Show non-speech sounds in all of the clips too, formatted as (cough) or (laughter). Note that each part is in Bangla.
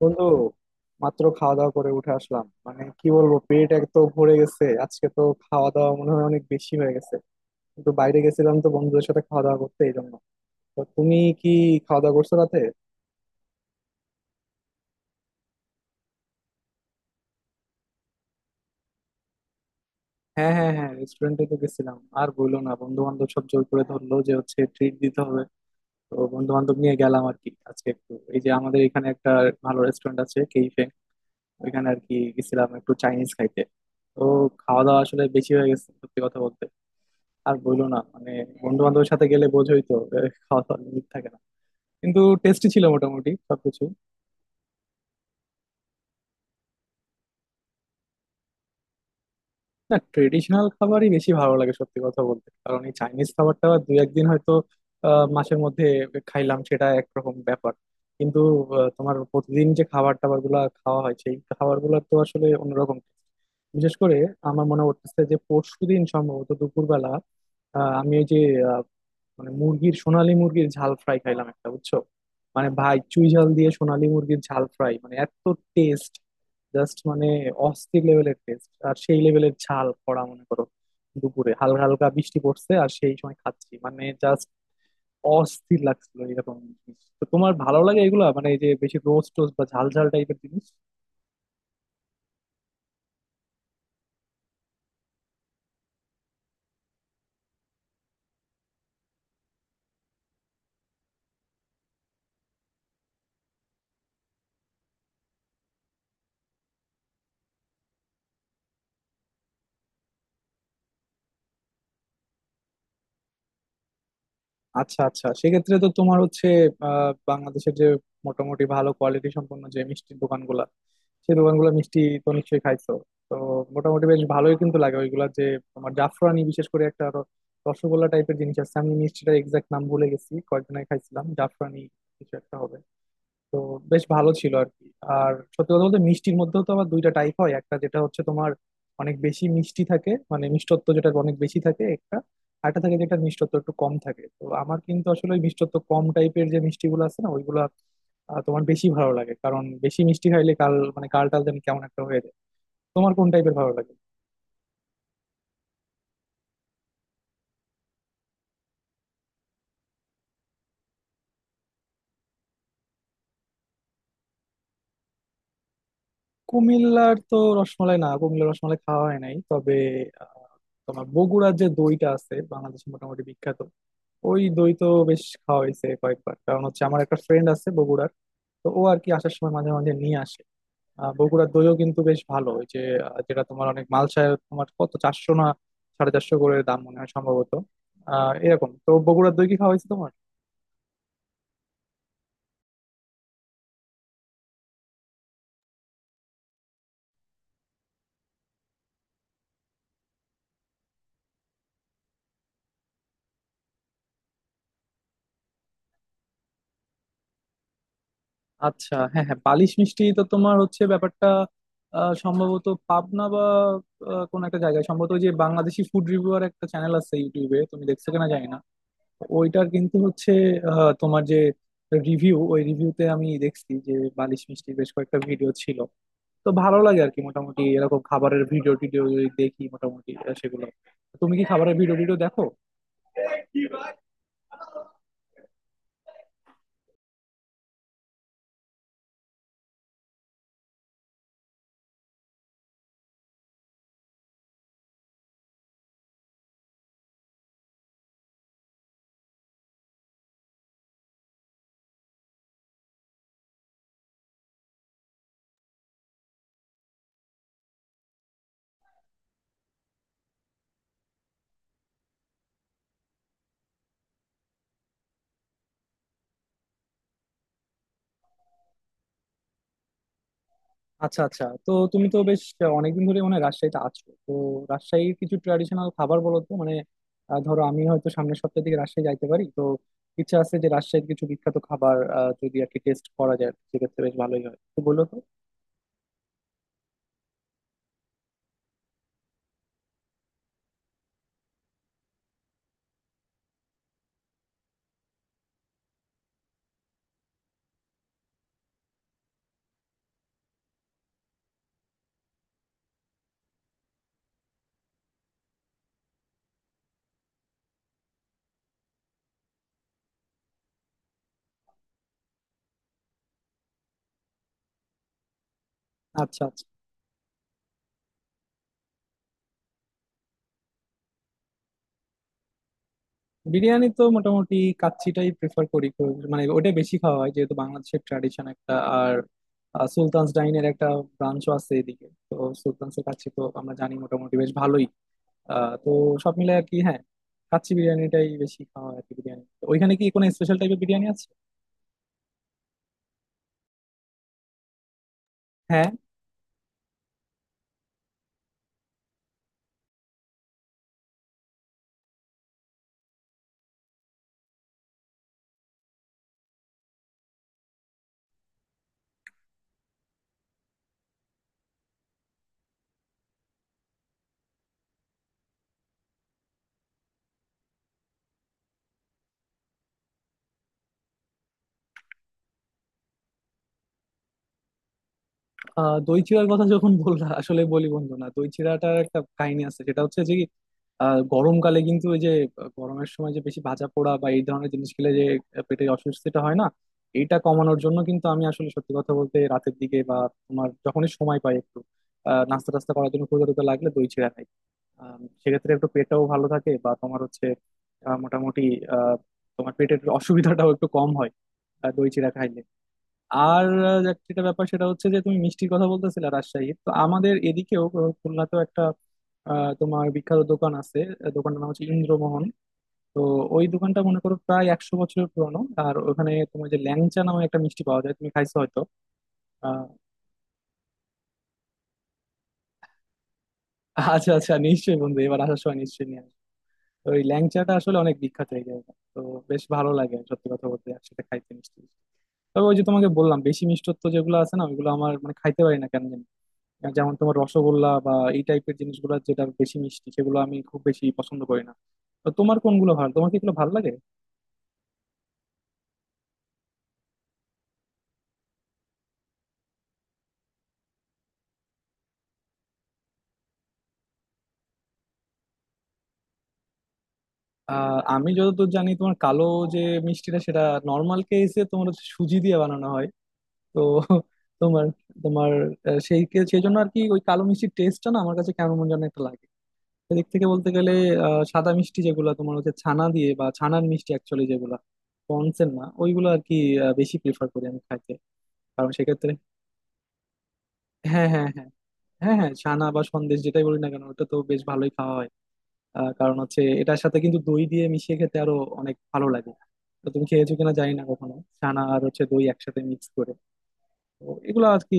বন্ধু মাত্র খাওয়া দাওয়া করে উঠে আসলাম। মানে কি বলবো, পেট এক তো ভরে গেছে, আজকে তো খাওয়া দাওয়া মনে হয় অনেক বেশি হয়ে গেছে। কিন্তু বাইরে গেছিলাম তো বন্ধুদের সাথে খাওয়া দাওয়া করতে, এই জন্য। তো তুমি কি খাওয়া দাওয়া করছো রাতে? হ্যাঁ হ্যাঁ হ্যাঁ, রেস্টুরেন্টে তো গেছিলাম। আর বললো না, বন্ধু বান্ধব সব জোর করে ধরলো যে হচ্ছে ট্রিট দিতে হবে। তো বন্ধু বান্ধব নিয়ে গেলাম আর কি আজকে। একটু এই যে আমাদের এখানে একটা ভালো রেস্টুরেন্ট আছে কেইফে, ওইখানে আর কি গেছিলাম একটু চাইনিজ খাইতে। তো খাওয়া দাওয়া আসলে বেশি হয়ে গেছে সত্যি কথা বলতে। আর বইলো না, মানে বন্ধু বান্ধবের সাথে গেলে বোঝোই তো খাওয়া দাওয়ার লিমিট থাকে না। কিন্তু টেস্টি ছিল মোটামুটি সবকিছু। না, ট্রেডিশনাল খাবারই বেশি ভালো লাগে সত্যি কথা বলতে। কারণ এই চাইনিজ খাবারটা দুই একদিন হয়তো মাসের মধ্যে খাইলাম, সেটা একরকম ব্যাপার। কিন্তু তোমার প্রতিদিন যে খাবার টাবার গুলা খাওয়া হয়, সেই খাবার গুলা তো আসলে অন্যরকম। বিশেষ করে আমার মনে করতেছে যে পরশুদিন সম্ভবত দুপুরবেলা আমি ওই যে মানে মুরগির, সোনালী মুরগির ঝাল ফ্রাই খাইলাম একটা, বুঝছো। মানে ভাই চুই ঝাল দিয়ে সোনালী মুরগির ঝাল ফ্রাই, মানে এত টেস্ট, জাস্ট মানে অস্থির লেভেলের টেস্ট, আর সেই লেভেলের ঝাল করা, মনে করো দুপুরে হালকা হালকা বৃষ্টি পড়ছে আর সেই সময় খাচ্ছি, মানে জাস্ট অস্থির লাগছিল এরকম। জিনিস তো তোমার ভালো লাগে এগুলা, মানে এই যে বেশি রোস্ট টোস্ট বা ঝাল ঝাল টাইপের জিনিস। আচ্ছা আচ্ছা, সেক্ষেত্রে তো তোমার হচ্ছে বাংলাদেশের যে মোটামুটি ভালো কোয়ালিটি সম্পন্ন যে মিষ্টির দোকানগুলা, সেই দোকানগুলো মিষ্টি তো নিশ্চয়ই খাইছো। তো মোটামুটি বেশ ভালোই কিন্তু লাগে ওইগুলা। যে তোমার জাফরানি বিশেষ করে একটা রসগোল্লা টাইপের জিনিস আছে, আমি মিষ্টিটা এক্সাক্ট নাম ভুলে গেছি, কয়েকদিন আগে খাইছিলাম, জাফরানি কিছু একটা হবে। তো বেশ ভালো ছিল আর কি। আর সত্যি কথা বলতে মিষ্টির মধ্যেও তো আবার দুইটা টাইপ হয়। একটা যেটা হচ্ছে তোমার অনেক বেশি মিষ্টি থাকে, মানে মিষ্টত্ব যেটা অনেক বেশি থাকে একটা। আরেকটা থাকে যেটা মিষ্টত্ব একটু কম থাকে। তো আমার কিন্তু আসলে ওই মিষ্টত্ব কম টাইপের যে মিষ্টিগুলো আছে না ওইগুলো তোমার বেশি ভালো লাগে। কারণ বেশি মিষ্টি খাইলে কাল, মানে কালটাল যেন কেমন একটা হয়ে যায়। তোমার কোন টাইপের ভালো লাগে? কুমিল্লার তো রসমালাই, না কুমিল্লার রসমালাই খাওয়া হয় নাই। তবে আহ, তোমার বগুড়ার যে দইটা আছে, বাংলাদেশে মোটামুটি বিখ্যাত, ওই দই তো বেশ খাওয়া হয়েছে কয়েকবার। কারণ হচ্ছে আমার একটা ফ্রেন্ড আছে বগুড়ার, তো ও আর কি আসার সময় মাঝে মাঝে নিয়ে আসে। বগুড়ার দইও কিন্তু বেশ ভালো। ওই যে যেটা তোমার অনেক মালসায়, তোমার কত 400 না 450 করে দাম মনে হয় সম্ভবত। এরকম তো বগুড়ার দই কি খাওয়া হয়েছে তোমার? আচ্ছা হ্যাঁ হ্যাঁ, বালিশ মিষ্টি তো তোমার হচ্ছে ব্যাপারটা সম্ভবত পাবনা বা কোন একটা জায়গায়। সম্ভবত ওই যে বাংলাদেশি ফুড রিভিউয়ার একটা চ্যানেল আছে ইউটিউবে, তুমি দেখছো কিনা জানি না, ওইটার কিন্তু হচ্ছে তোমার যে রিভিউ, ওই রিভিউতে আমি দেখছি যে বালিশ মিষ্টির বেশ কয়েকটা ভিডিও ছিল। তো ভালো লাগে আর কি মোটামুটি এরকম খাবারের ভিডিও টিডিও যদি দেখি মোটামুটি সেগুলো। তুমি কি খাবারের ভিডিও টিডিও দেখো? আচ্ছা আচ্ছা, তো তুমি তো বেশ অনেকদিন ধরে মানে রাজশাহীতে আছো তো। রাজশাহীর কিছু ট্র্যাডিশনাল খাবার বলো তো, মানে ধরো আমি হয়তো সামনের সপ্তাহের দিকে রাজশাহী যাইতে পারি। তো ইচ্ছা আছে যে রাজশাহীর কিছু বিখ্যাত খাবার যদি আর কি টেস্ট করা যায়, সেক্ষেত্রে বেশ ভালোই হয়, তো বলো তো। আচ্ছা আচ্ছা। বিরিয়ানি তো মোটামুটি কাচ্চিটাই প্রেফার করি খুব। মানে ওটা বেশি খাওয়া হয় যেহেতু বাংলাদেশের ট্র্যাডিশন একটা। আর সুলতান'স ডাইন এর একটা ব্রাঞ্চও আছে এদিকে তো। সুলতান'স এর কাচ্চি তো আমরা জানি মোটামুটি বেশ ভালোই। তো সব মিলে আর কি। হ্যাঁ, কাচ্চি বিরিয়ানিটাই বেশি খাওয়া হয় আর কি। বিরিয়ানি তো ওইখানে কি কোনো স্পেশাল টাইপের বিরিয়ানি আছে? দই চিড়ার কথা যখন বললা, আসলে বলি বন্ধু, না দই চিড়াটার একটা কাহিনী আছে। সেটা হচ্ছে যে কি, গরমকালে কিন্তু ওই যে গরমের সময় যে বেশি ভাজা পোড়া বা এই ধরনের জিনিস খেলে যে পেটে অস্বস্তিটা হয় না, এইটা কমানোর জন্য কিন্তু আমি আসলে সত্যি কথা বলতে রাতের দিকে বা তোমার যখনই সময় পাই একটু নাস্তা টাস্তা করার জন্য, ক্ষুধা টুধা লাগলে দই চিড়া খাই। সেক্ষেত্রে একটু পেটটাও ভালো থাকে বা তোমার হচ্ছে মোটামুটি আহ, তোমার পেটের অসুবিধাটাও একটু কম হয় দই চিড়া খাইলে। আর যেটা ব্যাপার সেটা হচ্ছে যে তুমি মিষ্টির কথা বলতেছিলে রাজশাহীর, তো আমাদের এদিকেও খুলনাতেও একটা তোমার বিখ্যাত দোকান আছে। দোকানটার নাম হচ্ছে ইন্দ্রমোহন। তো ওই দোকানটা মনে করো প্রায় 100 বছরের পুরনো। আর ওখানে তোমার যে ল্যাংচা নামে একটা মিষ্টি পাওয়া যায়, তুমি খাইছো হয়তো। আহ (laughs) আচ্ছা আচ্ছা, নিশ্চয়ই বন্ধু, এবার আসার সময় নিশ্চয়ই নিয়ে আসবো। তো ওই ল্যাংচাটা আসলে অনেক বিখ্যাত এই জায়গা তো। বেশ ভালো লাগে সত্যি কথা বলতে একসাথে খাইতে মিষ্টি। তবে ওই যে তোমাকে বললাম, বেশি মিষ্টত্ব যেগুলো আছে না, ওইগুলো আমার মানে খাইতে পারি না কেন জানি। যেমন তোমার রসগোল্লা বা এই টাইপের জিনিসগুলো যেটা বেশি মিষ্টি, সেগুলো আমি খুব বেশি পছন্দ করি না। তো তোমার কোনগুলো ভালো, তোমার কি এগুলো ভালো লাগে? আমি যতদূর জানি তোমার কালো যে মিষ্টিটা, সেটা নর্মাল কেসে তোমার হচ্ছে সুজি দিয়ে বানানো হয়। তো তোমার তোমার সেই জন্য আর কি ওই কালো মিষ্টির টেস্টটা না আমার কাছে কেমন যেন একটা লাগে। সেদিক থেকে বলতে গেলে সাদা মিষ্টি যেগুলো তোমার হচ্ছে ছানা দিয়ে, বা ছানার মিষ্টি অ্যাকচুয়ালি, যেগুলো পনসের না ওইগুলো আর কি বেশি প্রেফার করি আমি খাইতে। কারণ সেক্ষেত্রে হ্যাঁ হ্যাঁ হ্যাঁ, হ্যাঁ হ্যাঁ ছানা বা সন্দেশ যেটাই বলি না কেন ওটা তো বেশ ভালোই খাওয়া হয়। কারণ হচ্ছে এটার সাথে কিন্তু দই দিয়ে মিশিয়ে খেতে আরো অনেক ভালো লাগে। তো তুমি খেয়েছো কিনা জানি না কখনো ছানা আর হচ্ছে দই একসাথে মিক্স করে। তো এগুলো আর কি।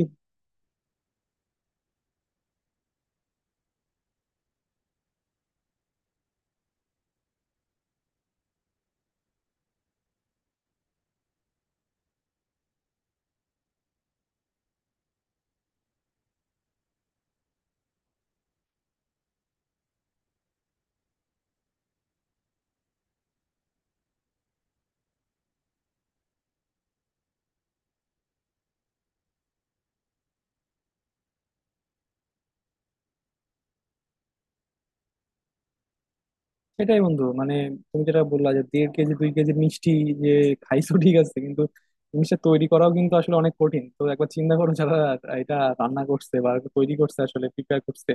সেটাই বন্ধু, মানে তুমি যেটা বললা যে 1.5 কেজি 2 কেজি মিষ্টি যে খাইছো ঠিক আছে, কিন্তু জিনিসটা তৈরি করাও কিন্তু আসলে অনেক কঠিন। তো একবার চিন্তা করো যারা এটা রান্না করছে বা তৈরি করছে, আসলে প্রিপেয়ার করছে,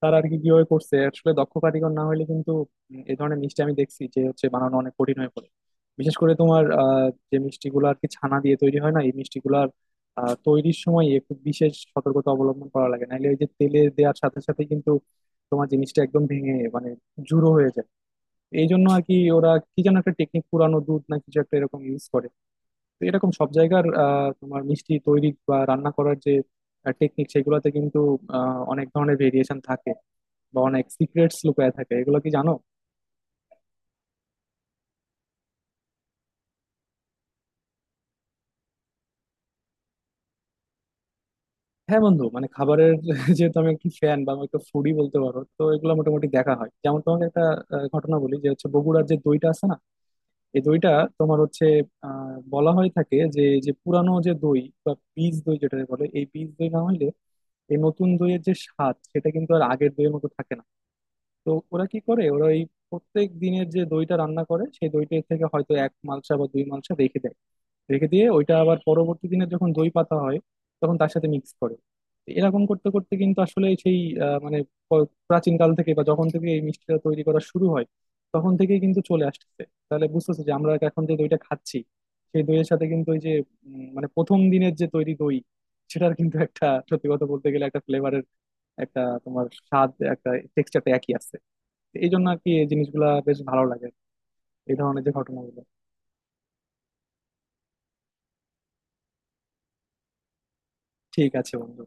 তারা আর কি কিভাবে করছে। আসলে দক্ষ কারিগর না হলে কিন্তু এই ধরনের মিষ্টি আমি দেখছি যে হচ্ছে বানানো অনেক কঠিন হয়ে পড়ে। বিশেষ করে তোমার যে মিষ্টিগুলো আর কি ছানা দিয়ে তৈরি হয় না, এই মিষ্টিগুলার তৈরির সময় একটু বিশেষ সতর্কতা অবলম্বন করা লাগে। নাহলে ওই যে তেলে দেওয়ার সাথে সাথে কিন্তু তোমার জিনিসটা একদম ভেঙে মানে জুড়ো হয়ে যায়। এই জন্য আর কি ওরা কি যেন একটা টেকনিক, পুরানো দুধ না কিছু একটা এরকম ইউজ করে। তো এরকম সব জায়গার তোমার মিষ্টি তৈরি বা রান্না করার যে টেকনিক, সেগুলোতে কিন্তু অনেক ধরনের ভেরিয়েশন থাকে বা অনেক সিক্রেটস লুকায় থাকে। এগুলো কি জানো? হ্যাঁ বন্ধু, মানে খাবারের (laughs) যেহেতু আমি একটু ফ্যান, বা আমি একটু ফুডি বলতে পারো, তো এগুলো মোটামুটি দেখা হয়। যেমন তোমাকে একটা ঘটনা বলি, যে হচ্ছে বগুড়ার যে দইটা আছে না, এই দইটা তোমার হচ্ছে বলা হয়ে থাকে যে যে পুরানো যে দই বা বীজ দই যেটা বলে, এই বীজ দই না হইলে এই নতুন দইয়ের যে স্বাদ, সেটা কিন্তু আর আগের দইয়ের মতো থাকে না। তো ওরা কি করে, ওরা এই প্রত্যেক দিনের যে দইটা রান্না করে, সেই দইটার থেকে হয়তো এক মালসা বা দুই মালসা রেখে দেয়। রেখে দিয়ে ওইটা আবার পরবর্তী দিনে যখন দই পাতা হয়, তখন তার সাথে মিক্স করে। তো এরকম করতে করতে কিন্তু আসলে সেই মানে প্রাচীনকাল থেকে বা যখন থেকে এই মিষ্টিটা তৈরি করা শুরু হয়, তখন থেকেই কিন্তু চলে আসছে। তাহলে বুঝতেছে যে আমরা এখন যে দইটা খাচ্ছি, সেই দইয়ের সাথে কিন্তু ওই যে মানে প্রথম দিনের যে তৈরি দই, সেটার কিন্তু একটা সত্যি কথা বলতে গেলে একটা ফ্লেভারের একটা তোমার স্বাদ, একটা টেক্সচারটা একই আছে। এই জন্য আর কি এই জিনিসগুলা বেশ ভালো লাগে, এই ধরনের যে ঘটনাগুলো। ঠিক আছে বন্ধু।